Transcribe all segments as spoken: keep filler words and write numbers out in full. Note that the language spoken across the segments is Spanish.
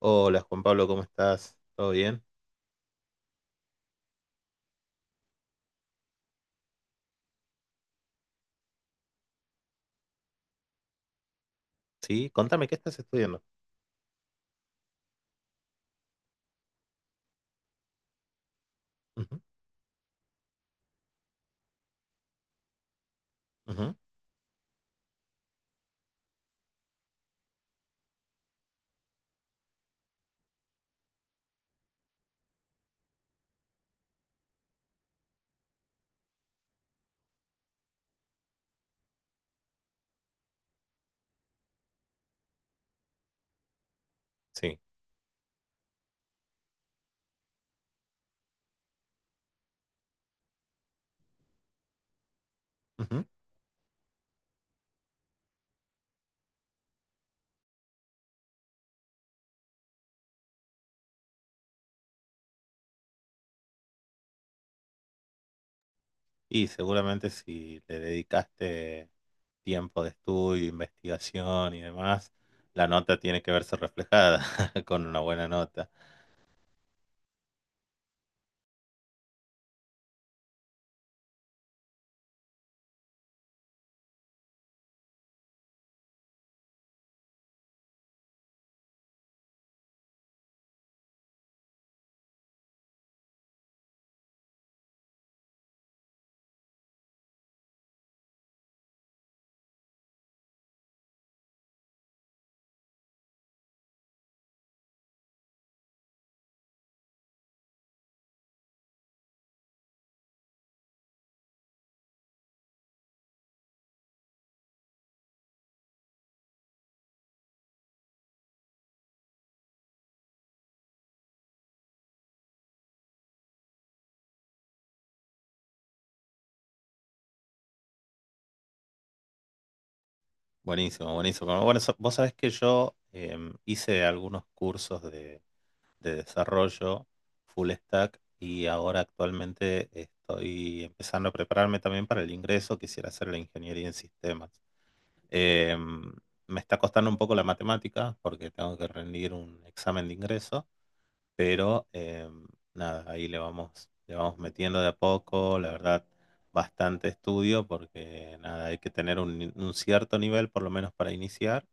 Hola Juan Pablo, ¿cómo estás? ¿Todo bien? Sí, contame, ¿qué estás estudiando? Ujú, ujú, sí. Ujú. Y seguramente si le dedicaste tiempo de estudio, investigación y demás, la nota tiene que verse reflejada con una buena nota. Buenísimo, buenísimo. Bueno, so- vos sabés que yo em, hice algunos cursos de, de desarrollo full stack y ahora actualmente estoy empezando a prepararme también para el ingreso. Quisiera hacer la ingeniería en sistemas. Eh, Me está costando un poco la matemática porque tengo que rendir un examen de ingreso, pero eh, nada, ahí le vamos, le vamos metiendo de a poco, la verdad, bastante estudio porque nada, hay que tener un, ni- un cierto nivel por lo menos para iniciar,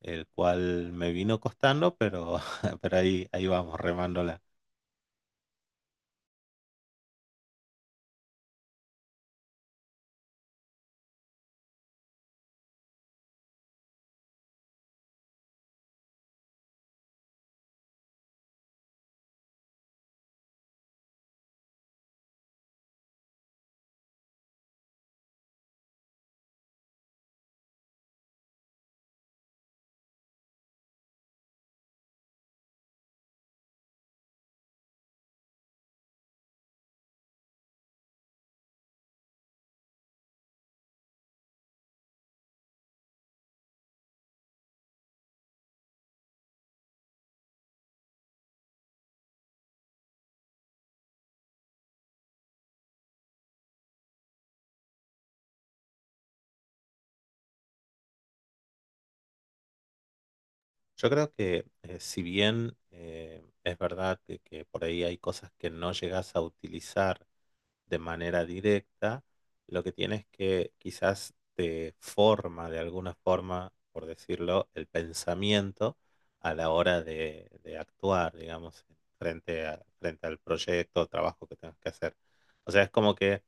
el cual me vino costando, pero, pero ahí, ahí vamos remándola. Yo creo que eh, si bien eh, es verdad que, que por ahí hay cosas que no llegas a utilizar, de manera directa, lo que tiene es que quizás te forma de alguna forma, por decirlo, el pensamiento a la hora de, de actuar, digamos, frente a- frente al proyecto o trabajo que tengas que hacer. O sea, es como que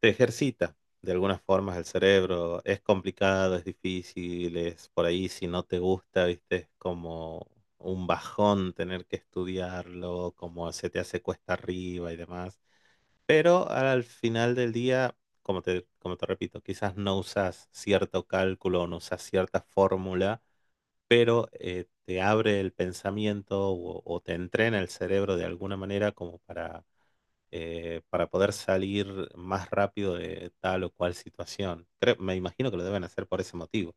te ejercita de alguna forma el cerebro. Es complicado, es difícil, es por ahí si no te gusta, viste, es como un bajón tener que estudiarlo, como se te hace cuesta arriba y demás. Pero al final del día, como te, como te repito, quizás no usas cierto cálculo, no usas cierta fórmula, pero eh, te abre el pensamiento o, o te entrena el cerebro de alguna manera como para, eh, para poder salir más rápido de tal o cual situación. Creo- me imagino que lo deben hacer por ese motivo.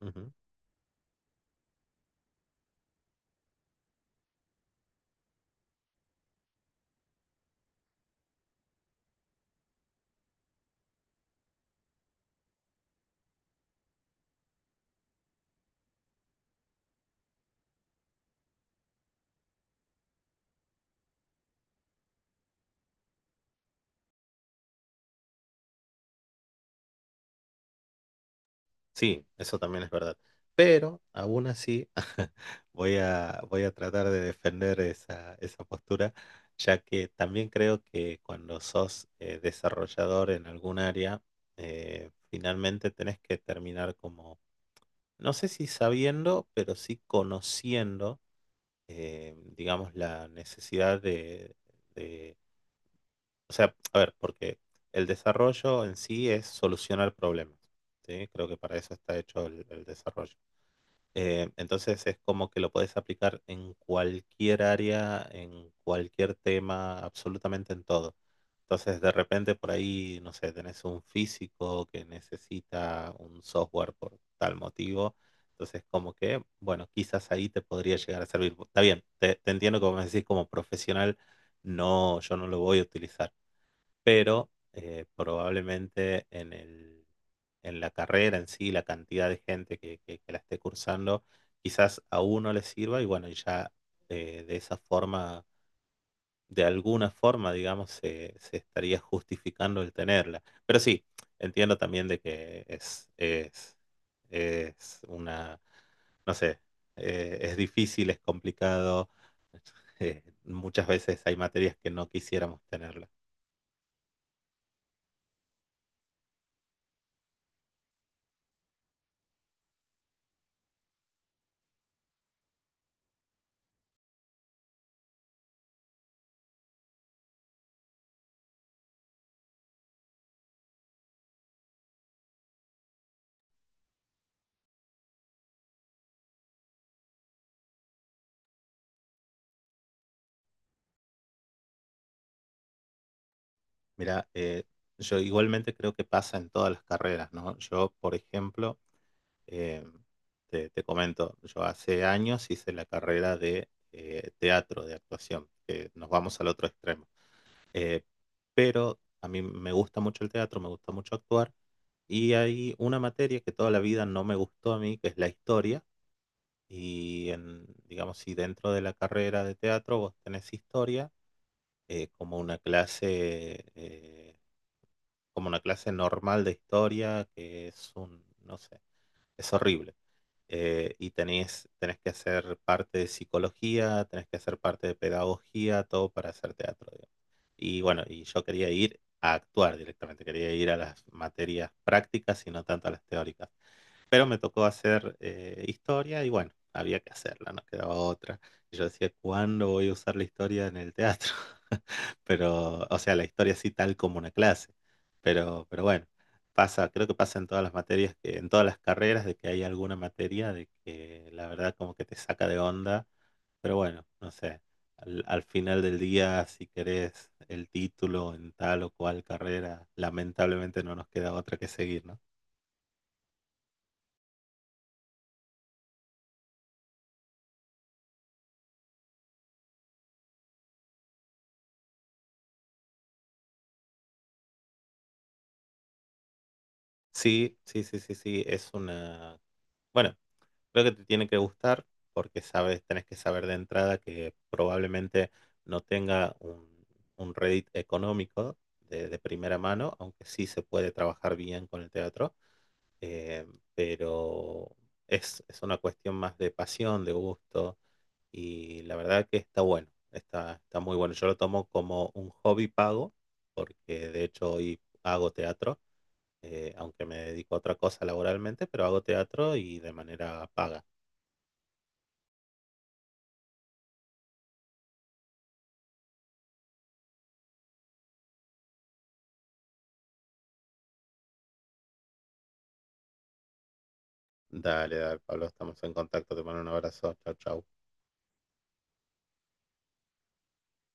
Ujú. Sí, eso también es verdad. Pero aún así voy a, voy a tratar de defender esa, esa postura, ya que también creo que cuando sos eh, desarrollador en algún área, eh, finalmente tenés que terminar como, no sé si sabiendo, pero sí conociendo, eh, digamos, la necesidad de, de- o sea, a ver, porque el desarrollo en sí es solucionar problemas, ¿sí? Creo que para eso está hecho el el desarrollo. Eh, entonces es como que lo puedes aplicar en cualquier área, en cualquier tema, absolutamente en todo. Entonces de repente por ahí, no sé, tenés un físico que necesita un software por tal motivo. Entonces como que, bueno, quizás ahí te podría llegar a servir. Está bien, te, te entiendo como me decís como profesional, no, yo no lo voy a utilizar pero eh, probablemente en el, en la carrera en sí, la cantidad de gente que, que- que la esté cursando, quizás a uno le sirva y bueno, y ya eh, de esa forma, de alguna forma, digamos, se, se estaría justificando el tenerla. Pero sí, entiendo también de que es, es, es una, no sé, eh, es difícil, es complicado. Eh, muchas veces hay materias que no quisiéramos tenerlas. Mira, eh, yo igualmente creo que pasa en todas las carreras, ¿no? Yo, por ejemplo, eh, te, te comento, yo hace años hice la carrera de eh, teatro, de actuación, que nos vamos al otro extremo. Eh, pero a mí me gusta mucho el teatro, me gusta mucho actuar, y hay una materia que toda la vida no me gustó a mí, que es la historia, y en, digamos, si dentro de la carrera de teatro vos tenés historia, eh, como una clase... eh, como una clase normal de historia, que es un, no sé, es horrible. Eh, y tenés, tenés que hacer parte de psicología, tenés que hacer parte de pedagogía, todo para hacer teatro, digamos. Y bueno, y yo quería ir a actuar directamente, quería ir a las materias prácticas y no tanto a las teóricas. Pero me tocó hacer eh, historia y bueno, había que hacerla, no quedaba otra. Y yo decía, ¿cuándo voy a usar la historia en el teatro? Pero, o sea, la historia así tal como una clase. Pero, pero bueno, pasa, creo que pasa en todas las materias, que, en todas las carreras, de que hay alguna materia de que la verdad como que te saca de onda. Pero bueno, no sé, al, al final del día, si querés el título en tal o cual carrera, lamentablemente no nos queda otra que seguir, ¿no? Sí, sí, sí, sí, sí, es una... Bueno, creo que te tiene que gustar porque sabes, tenés que saber de entrada que probablemente no tenga un, un Reddit económico de, de primera mano, aunque sí se puede trabajar bien con el teatro, eh, pero es, es una cuestión más de pasión, de gusto, y la verdad que está bueno, está, está muy bueno. Yo lo tomo como un hobby pago, porque de hecho hoy hago teatro eh, aunque me dedico a otra cosa laboralmente, pero hago teatro y de manera paga. Dale, dale, Pablo, estamos en contacto. Te mando un abrazo. Chau, chau.